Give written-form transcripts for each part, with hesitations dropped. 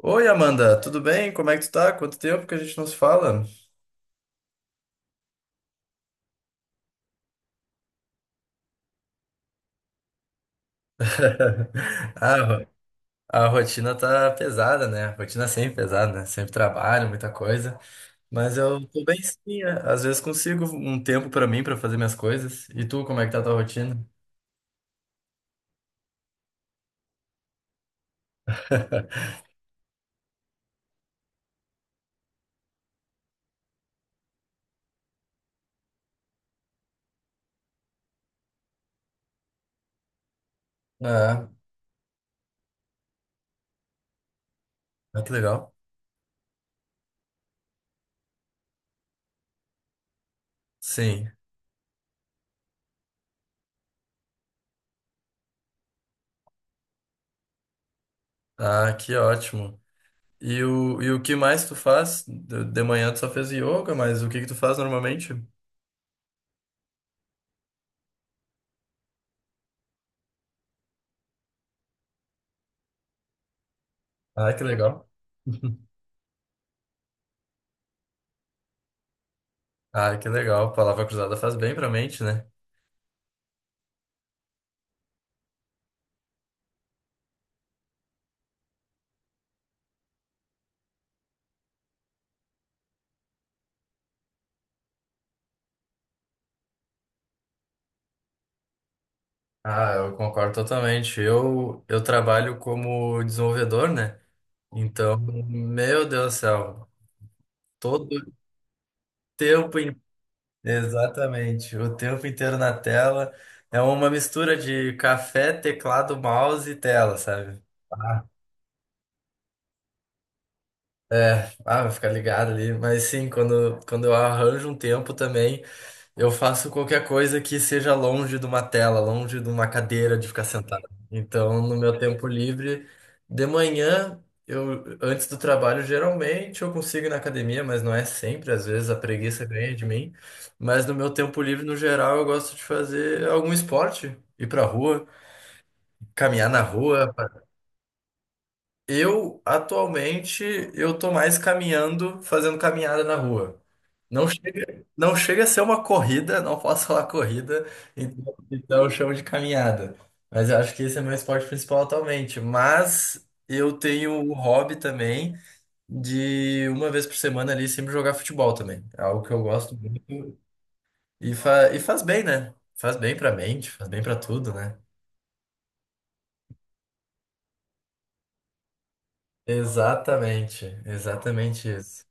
Oi, Amanda, tudo bem? Como é que tu tá? Quanto tempo que a gente não se fala? A, ro- a rotina tá pesada, né? A rotina é sempre pesada, né? Sempre trabalho, muita coisa. Mas eu tô bem sim, é. Às vezes consigo um tempo pra mim, pra fazer minhas coisas. E tu, como é que tá a tua rotina? Ah, ah, que legal. Sim. Ah, que ótimo. E o que mais tu faz? De manhã tu só fez yoga, mas o que que tu faz normalmente? Ah, que legal. Ah, que legal. Palavra cruzada faz bem pra mente, né? Ah, eu concordo totalmente. Eu trabalho como desenvolvedor, né? Então, meu Deus do céu, todo o tempo, in- exatamente, o tempo inteiro na tela é uma mistura de café, teclado, mouse e tela, sabe? Ah, ah, vai ficar ligado ali. Mas sim, quando eu arranjo um tempo também. Eu faço qualquer coisa que seja longe de uma tela, longe de uma cadeira de ficar sentado. Então, no meu tempo livre, de manhã, eu antes do trabalho, geralmente eu consigo ir na academia, mas não é sempre, às vezes a preguiça ganha de mim. Mas no meu tempo livre, no geral, eu gosto de fazer algum esporte, ir pra rua, caminhar na rua. Eu, atualmente, eu tô mais caminhando, fazendo caminhada na rua. Não chega a ser uma corrida, não posso falar corrida, então eu chamo de caminhada. Mas eu acho que esse é meu esporte principal atualmente. Mas eu tenho o hobby também de uma vez por semana ali sempre jogar futebol também. É algo que eu gosto muito e faz bem, né? Faz bem pra mente, faz bem pra tudo, né? Exatamente, exatamente isso.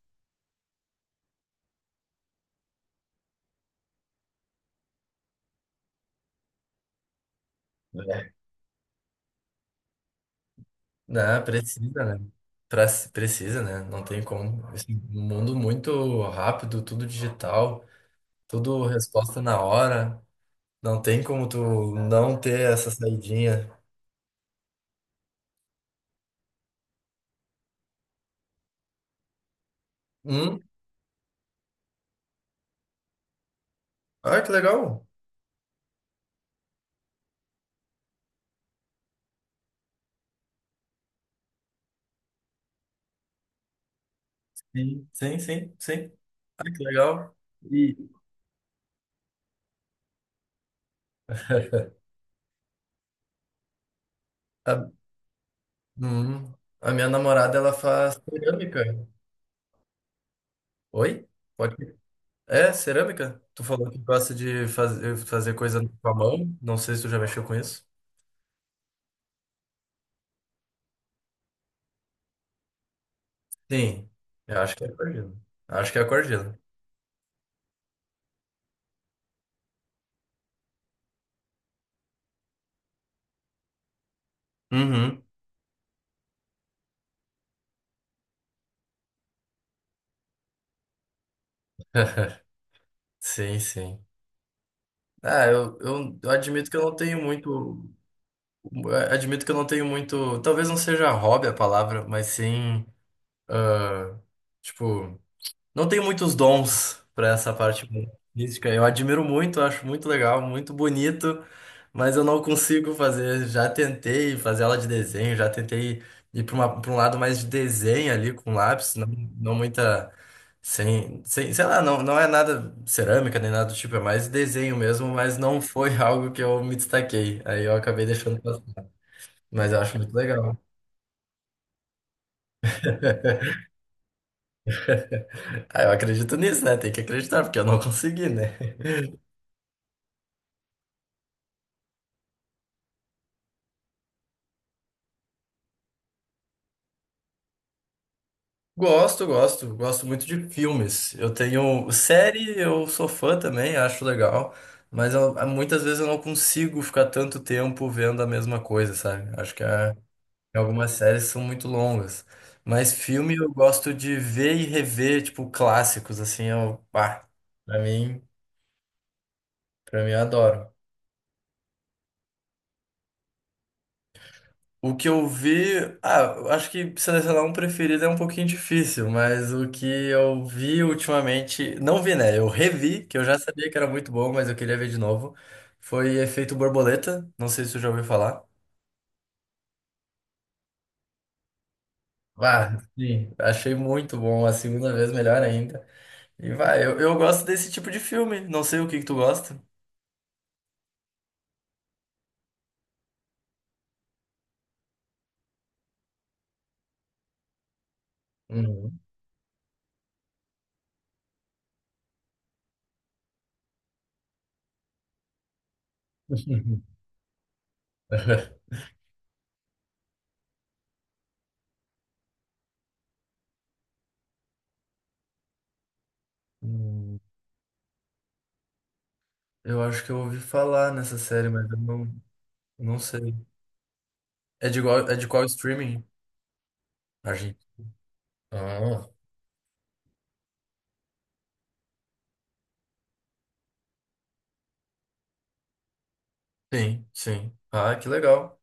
Não, precisa, né? Pra- precisa, né? Não tem como. Esse mundo muito rápido, tudo digital, tudo resposta na hora. Não tem como tu não ter essa saidinha. Hum? Ah, que legal. Sim, sim, sim, sim. Ah, que legal. E a, hum, a minha namorada, ela faz cerâmica. Oi? Pode... É, cerâmica? Tu falou que gosta de fazer coisa com a mão. Não sei se tu já mexeu com isso. Sim, eu acho que é acordeon. Acho que é acordeon. Uhum. Sim, sim. Ah, eu admito que eu não tenho muito. Admito que eu não tenho muito. Talvez não seja hobby a palavra, mas sim. ah, tipo. Não tem muitos dons para essa parte mística. Eu admiro muito, acho muito legal, muito bonito, mas eu não consigo fazer. Já tentei fazer aula de desenho, já tentei ir para para um lado mais de desenho ali com lápis, não, não muita. Sem, sem, sei lá, não, não é nada cerâmica nem nada do tipo, é mais desenho mesmo, mas não foi algo que eu me destaquei. Aí eu acabei deixando passar. Mas eu acho muito legal. Aí eu acredito nisso, né? Tem que acreditar, porque eu não consegui, né? Gosto, gosto, gosto muito de filmes. Eu tenho série, eu sou fã também, acho legal, mas muitas vezes eu não consigo ficar tanto tempo vendo a mesma coisa, sabe? Algumas séries são muito longas, mas filme eu gosto de ver e rever, tipo, clássicos, assim, eu, pá, pra mim, pra mim eu adoro. O que eu vi, ah, eu acho que selecionar um preferido é um pouquinho difícil, mas o que eu vi ultimamente, não vi, né? Eu revi, que eu já sabia que era muito bom, mas eu queria ver de novo. Foi Efeito Borboleta, não sei se você já ouviu falar. Ah, sim, achei muito bom, a segunda vez melhor ainda. E vai, eu gosto desse tipo de filme, não sei o que que tu gosta. Uhum. Hum, eu acho que eu ouvi falar nessa série, mas eu não, não sei. É de qual streaming? Argin? Ah, sim, sim. Ah, que legal.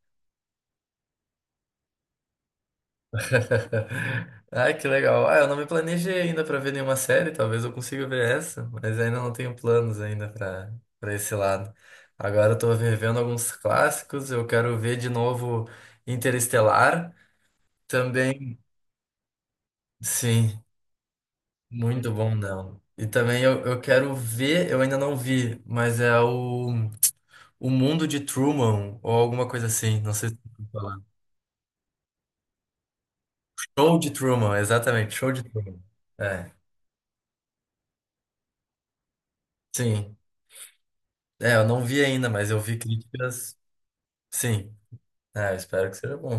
Ai, que legal. Ah, eu não me planejei ainda para ver nenhuma série, talvez eu consiga ver essa, mas ainda não tenho planos ainda para esse lado. Agora eu tô revendo alguns clássicos, eu quero ver de novo Interestelar, também, sim, muito bom não. E também eu quero ver, eu ainda não vi, mas é O Mundo de Truman ou alguma coisa assim, não sei se Show de Truman, exatamente, Show de Truman. É, sim. É, eu não vi ainda, mas eu vi críticas. Sim. É, eu espero que seja bom.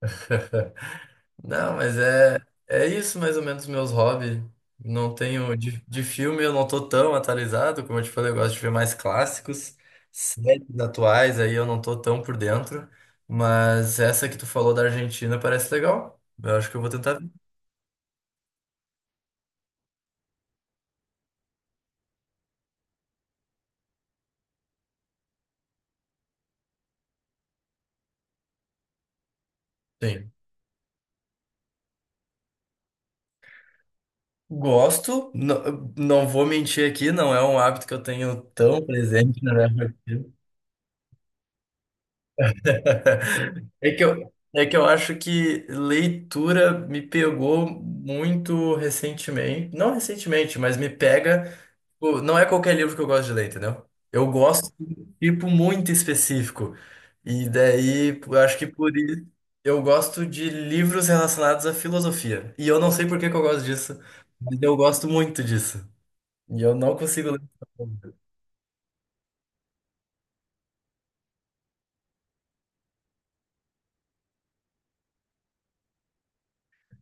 Não, mas é, é isso mais ou menos meus hobbies. Não tenho de filme, eu não tô tão atualizado, como eu te falei, eu gosto de ver mais clássicos, séries atuais, aí eu não tô tão por dentro, mas essa que tu falou da Argentina parece legal. Eu acho que eu vou tentar ver. Sim. Gosto, não, não vou mentir aqui, não é um hábito que eu tenho tão presente na minha rotina. É que eu acho que leitura me pegou muito recentemente. Não recentemente, mas me pega. Não é qualquer livro que eu gosto de ler, entendeu? Eu gosto de um tipo muito específico. E daí, eu acho que por isso eu gosto de livros relacionados à filosofia. E eu não sei por que que eu gosto disso, mas eu gosto muito disso. E eu não consigo ler.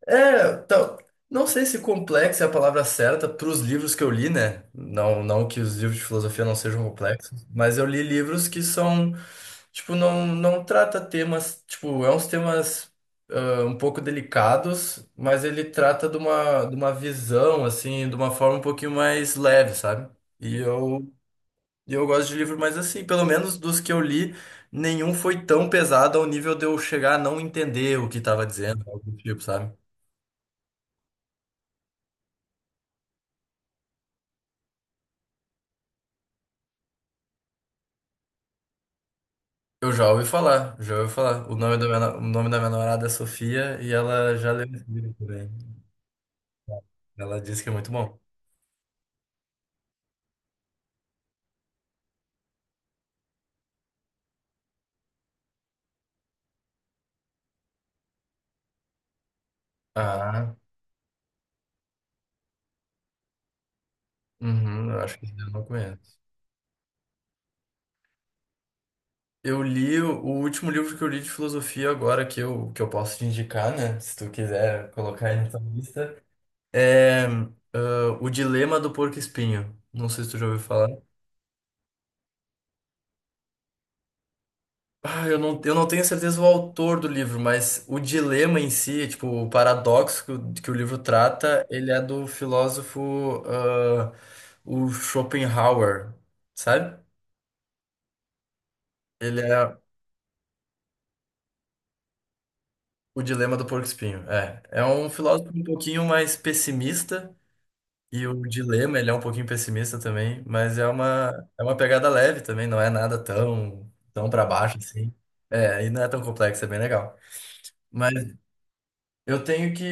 É, então, não sei se complexo é a palavra certa para os livros que eu li, né? Não, não que os livros de filosofia não sejam complexos, mas eu li livros que são, tipo, não, não trata temas, tipo, é uns temas um pouco delicados, mas ele trata de de uma visão, assim, de uma forma um pouquinho mais leve, sabe? E eu Eu gosto de livro, mas assim, pelo menos dos que eu li, nenhum foi tão pesado ao nível de eu chegar a não entender o que estava dizendo, algo do tipo, sabe? Eu já ouvi falar, já ouvi falar. O nome da minha, no- O nome da minha namorada é Sofia e ela já leu esse livro também. Ela disse que é muito bom. Ah, uhum, eu acho que esse eu não conheço. Eu li o último livro que eu li de filosofia agora, que eu posso te indicar, né? Se tu quiser colocar aí na tua lista, é O Dilema do Porco-Espinho. Não sei se tu já ouviu falar. Ah, eu não tenho certeza do autor do livro, mas o dilema em si, tipo, o paradoxo que o livro trata, ele é do filósofo, ah, o Schopenhauer, sabe? Ele é o dilema do porco-espinho. É, é um filósofo um pouquinho mais pessimista, e o dilema, ele é um pouquinho pessimista também, mas é é uma pegada leve também, não é nada tão para baixo assim. É, e não é tão complexo, é bem legal. mas Eu tenho que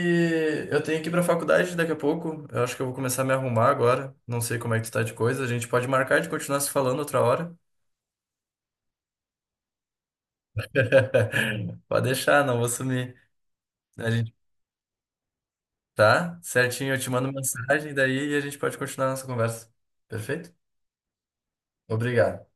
eu tenho que ir para a faculdade daqui a pouco. Eu acho que eu vou começar a me arrumar agora. Não sei como é que tu tá de coisa. A gente pode marcar de continuar se falando outra hora. Pode deixar, não vou sumir. A gente Tá certinho, eu te mando mensagem daí e a gente pode continuar a nossa conversa. Perfeito? Obrigado.